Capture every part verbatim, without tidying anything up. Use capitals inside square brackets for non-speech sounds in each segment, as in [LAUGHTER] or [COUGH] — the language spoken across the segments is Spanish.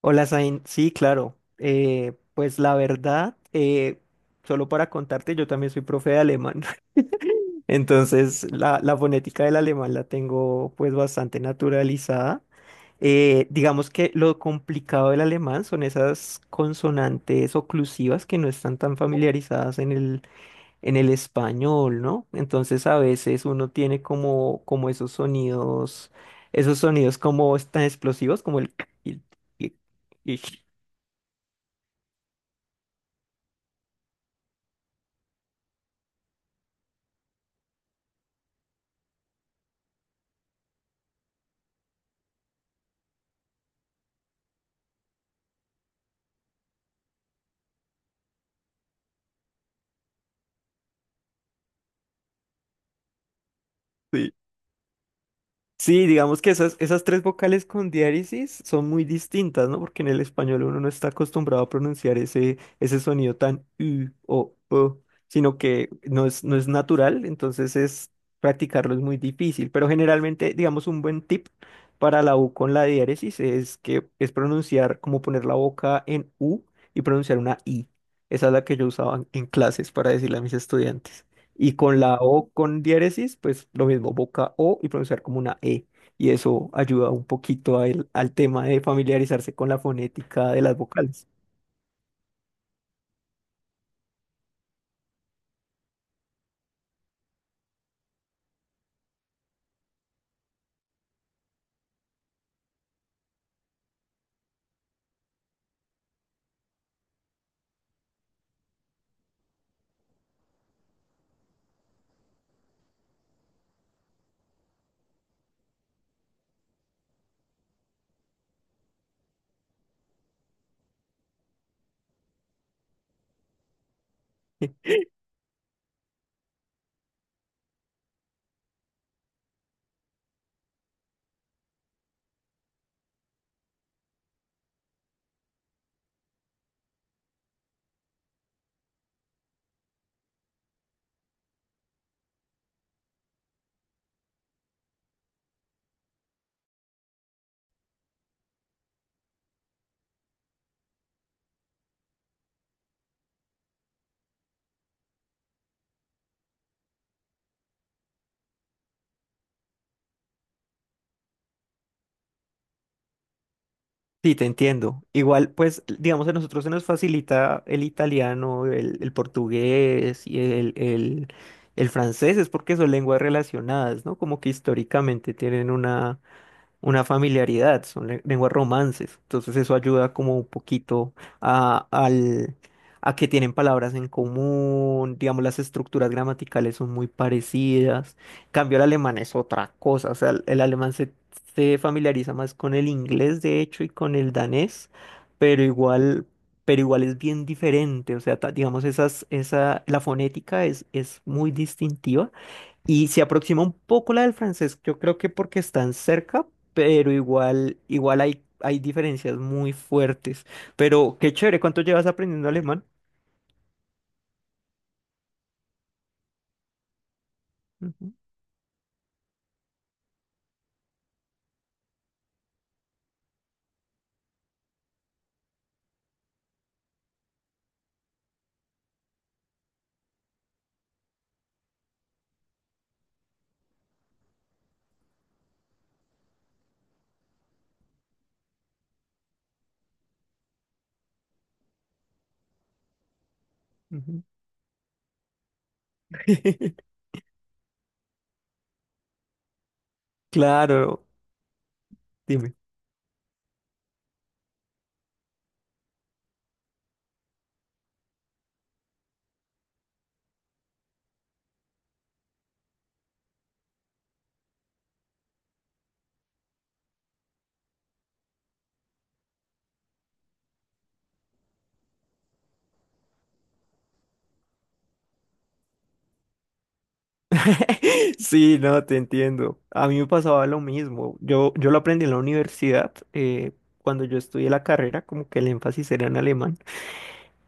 Hola, Zain. Sí, claro. Eh, pues la verdad, eh, solo para contarte, yo también soy profe de alemán. [LAUGHS] Entonces, la, la fonética del alemán la tengo pues bastante naturalizada. Eh, digamos que lo complicado del alemán son esas consonantes oclusivas que no están tan familiarizadas en el, en el español, ¿no? Entonces a veces uno tiene como, como esos sonidos, esos sonidos como tan explosivos como el. [LAUGHS] y- y- y- Sí, sí, digamos que esas, esas tres vocales con diéresis son muy distintas, ¿no? Porque en el español uno no está acostumbrado a pronunciar ese, ese sonido tan u o o, sino que no es, no es natural, entonces es practicarlo es muy difícil. Pero generalmente, digamos, un buen tip para la U con la diéresis es que es pronunciar, como poner la boca en U y pronunciar una I. Esa es la que yo usaba en en clases para decirle a mis estudiantes. Y con la O con diéresis, pues lo mismo, boca O y pronunciar como una E. Y eso ayuda un poquito a el- al tema de familiarizarse con la fonética de las vocales. Sí, te entiendo. Igual, pues, digamos, a nosotros se nos facilita el italiano, el, el portugués y el, el, el francés, es porque son lenguas relacionadas, ¿no? Como que históricamente tienen una una familiaridad, son le- lenguas romances. Entonces eso ayuda como un poquito a, al, a que tienen palabras en común, digamos, las estructuras gramaticales son muy parecidas. En cambio, el alemán es otra cosa, o sea, el, el alemán se, se familiariza más con el inglés, de hecho, y con el danés, pero igual... Pero igual es bien diferente, o sea, ta- digamos, esas, esa, la fonética es, es muy distintiva y se aproxima un poco la del francés, yo creo que porque están cerca, pero igual, igual hay, hay diferencias muy fuertes. Pero qué chévere, ¿cuánto llevas aprendiendo alemán? Ujú, ujú. [LAUGHS] Claro, dime. [LAUGHS] Sí, no, te entiendo. A mí me pasaba lo mismo. Yo, yo lo aprendí en la universidad, eh, cuando yo estudié la carrera, como que el énfasis era en alemán.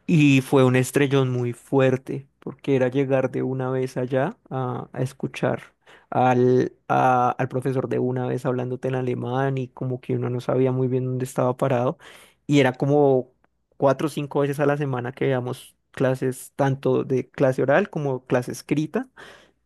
Y fue un estrellón muy fuerte, porque era llegar de una vez allá a, a escuchar al, a- al profesor de una vez hablándote en alemán y como que uno no sabía muy bien dónde estaba parado. Y era como cuatro o cinco veces a la semana que veíamos clases, tanto de clase oral como clase escrita.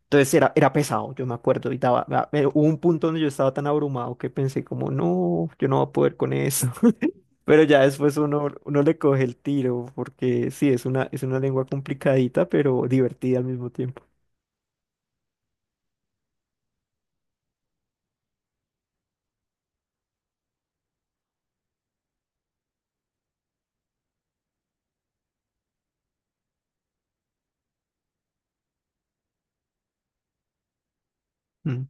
Entonces era, era pesado, yo me acuerdo, y daba, da- eh, hubo un punto donde yo estaba tan abrumado que pensé como, no, yo no voy a poder con eso. [LAUGHS] Pero ya después uno, uno le coge el tiro, porque sí, es una, es una lengua complicadita, pero divertida al mismo tiempo. Mm.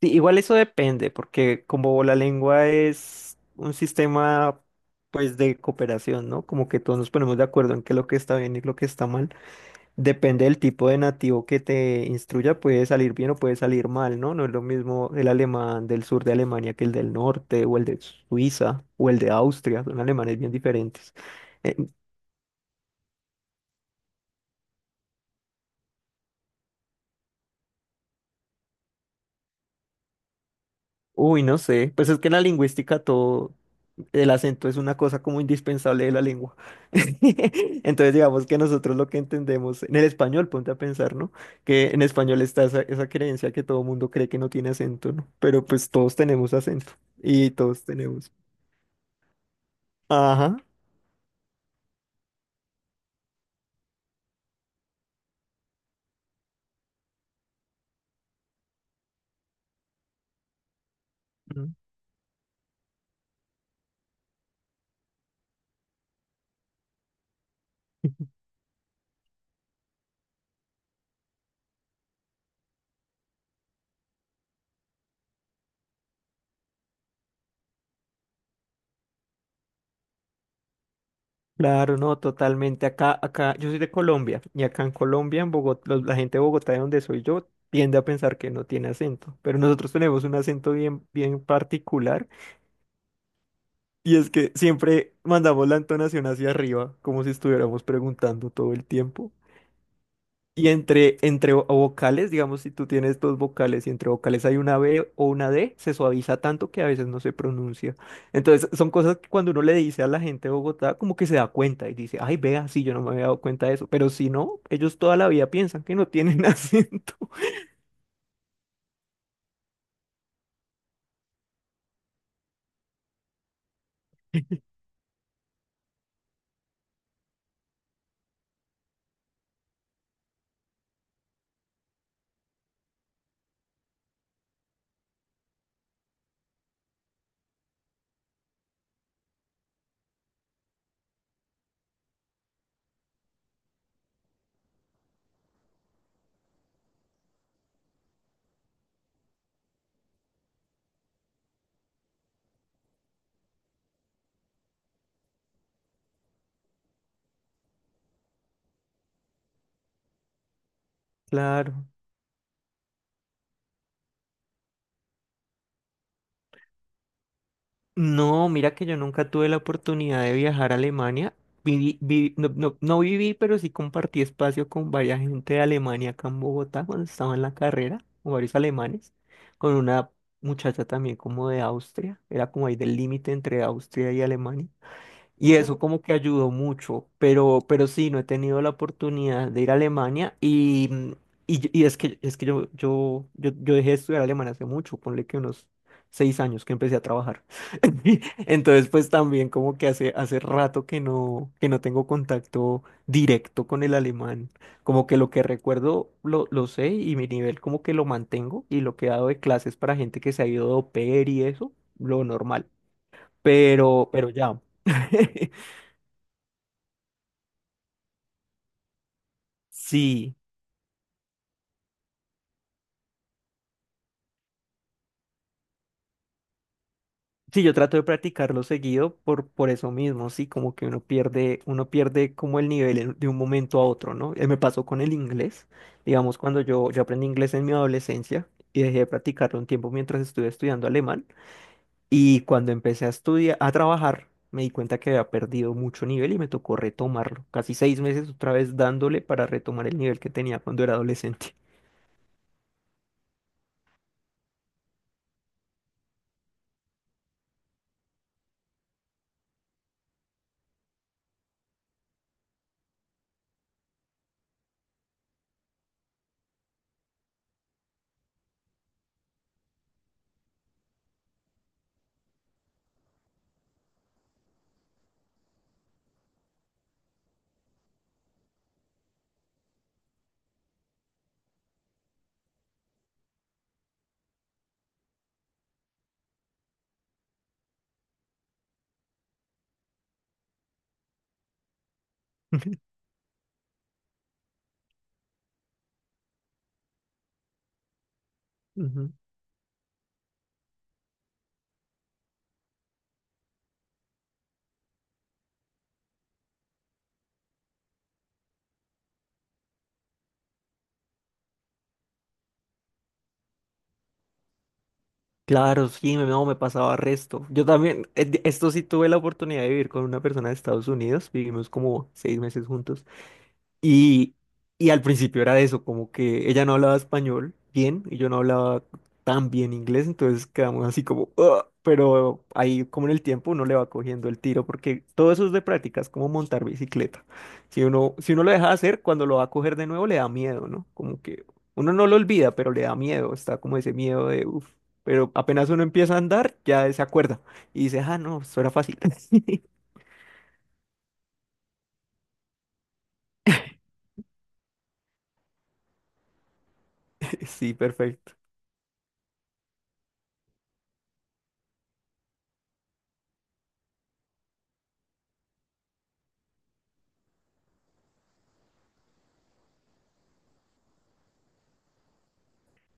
Sí, igual eso depende, porque como la lengua es un sistema, pues, de cooperación, ¿no? Como que todos nos ponemos de acuerdo en qué es lo que está bien y lo que está mal. Depende del tipo de nativo que te instruya, puede salir bien o puede salir mal, ¿no? No es lo mismo el alemán del sur de Alemania que el del norte, o el de Suiza, o el de Austria, son alemanes bien diferentes. Eh, uy, no sé, pues es que en la lingüística todo, el acento es una cosa como indispensable de la lengua. [LAUGHS] Entonces digamos que nosotros lo que entendemos en el español, ponte a pensar, ¿no? Que en español está esa, esa creencia que todo mundo cree que no tiene acento, ¿no? Pero pues todos tenemos acento y todos tenemos. Ajá. Mm. [LAUGHS] Claro, no, totalmente. Acá, acá, yo soy de Colombia y acá en Colombia, en Bogotá, la gente de Bogotá, de donde soy yo, tiende a pensar que no tiene acento, pero nosotros tenemos un acento bien, bien particular y es que siempre mandamos la entonación hacia arriba, como si estuviéramos preguntando todo el tiempo. Y entre, entre vo- vocales, digamos, si tú tienes dos vocales y entre vocales hay una B o una D, se suaviza tanto que a veces no se pronuncia. Entonces, son cosas que cuando uno le dice a la gente de Bogotá, como que se da cuenta y dice, ay, vea, sí, yo no me había dado cuenta de eso. Pero si no, ellos toda la vida piensan que no tienen [LAUGHS] acento. Claro. No, mira que yo nunca tuve la oportunidad de viajar a Alemania. Viví- viví- no, no- no viví, pero sí compartí espacio con varias gente de Alemania acá en Bogotá cuando estaba en la carrera, con varios alemanes, con una muchacha también como de Austria, era como ahí del límite entre Austria y Alemania. Y eso como que ayudó mucho, pero, pero sí, no he tenido la oportunidad de ir a Alemania y, mm, y, yo- y es que, es que yo, yo, yo, yo dejé de estudiar alemán hace mucho, ponle que unos seis años que empecé a trabajar. [LAUGHS] Entonces, pues también como que hace, hace rato que no, que no tengo contacto directo con el alemán. Como que lo que recuerdo lo, lo sé y mi nivel como que lo mantengo y lo que he dado de clases para gente que se ha ido de au pair y eso, lo normal. Pero, pero ya. [LAUGHS] Sí, sí, yo trato de practicarlo seguido por, por eso mismo, sí, como que uno pierde, uno pierde como el nivel en- de un momento a otro, ¿no? Eh, Me pasó con el inglés, digamos, cuando yo, yo aprendí inglés en mi adolescencia y dejé de practicarlo un tiempo mientras estuve estudiando alemán y cuando empecé a estudiar, a trabajar, me di cuenta que había perdido mucho nivel y me tocó retomarlo, casi seis meses otra vez dándole para retomar el nivel que tenía cuando era adolescente. [LAUGHS] Ujú. Claro, sí, me- no, me pasaba resto. Yo también, eh, esto sí tuve la oportunidad de vivir con una persona de Estados Unidos, vivimos como seis meses juntos. Y, y al principio era eso, como que ella no hablaba español bien y yo no hablaba tan bien inglés, entonces quedamos así como, "Ugh", pero ahí como en el tiempo uno le va cogiendo el tiro, porque todo eso es de práctica, es como montar bicicleta. Si uno, si uno lo deja de hacer, cuando lo va a coger de nuevo le da miedo, ¿no? Como que uno no lo olvida, pero le da miedo, está como ese miedo de, uff, pero apenas uno empieza a andar, ya se acuerda y dice, ah, no, eso era fácil. [LAUGHS] Sí, perfecto.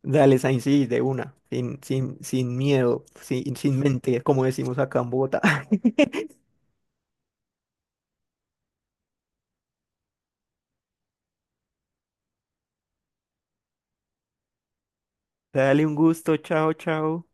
Dale, Sainz, sí, de una, sin, sin, sin miedo, sin, sin mente, como decimos acá en Bogotá. [LAUGHS] Dale un gusto, chao, chao.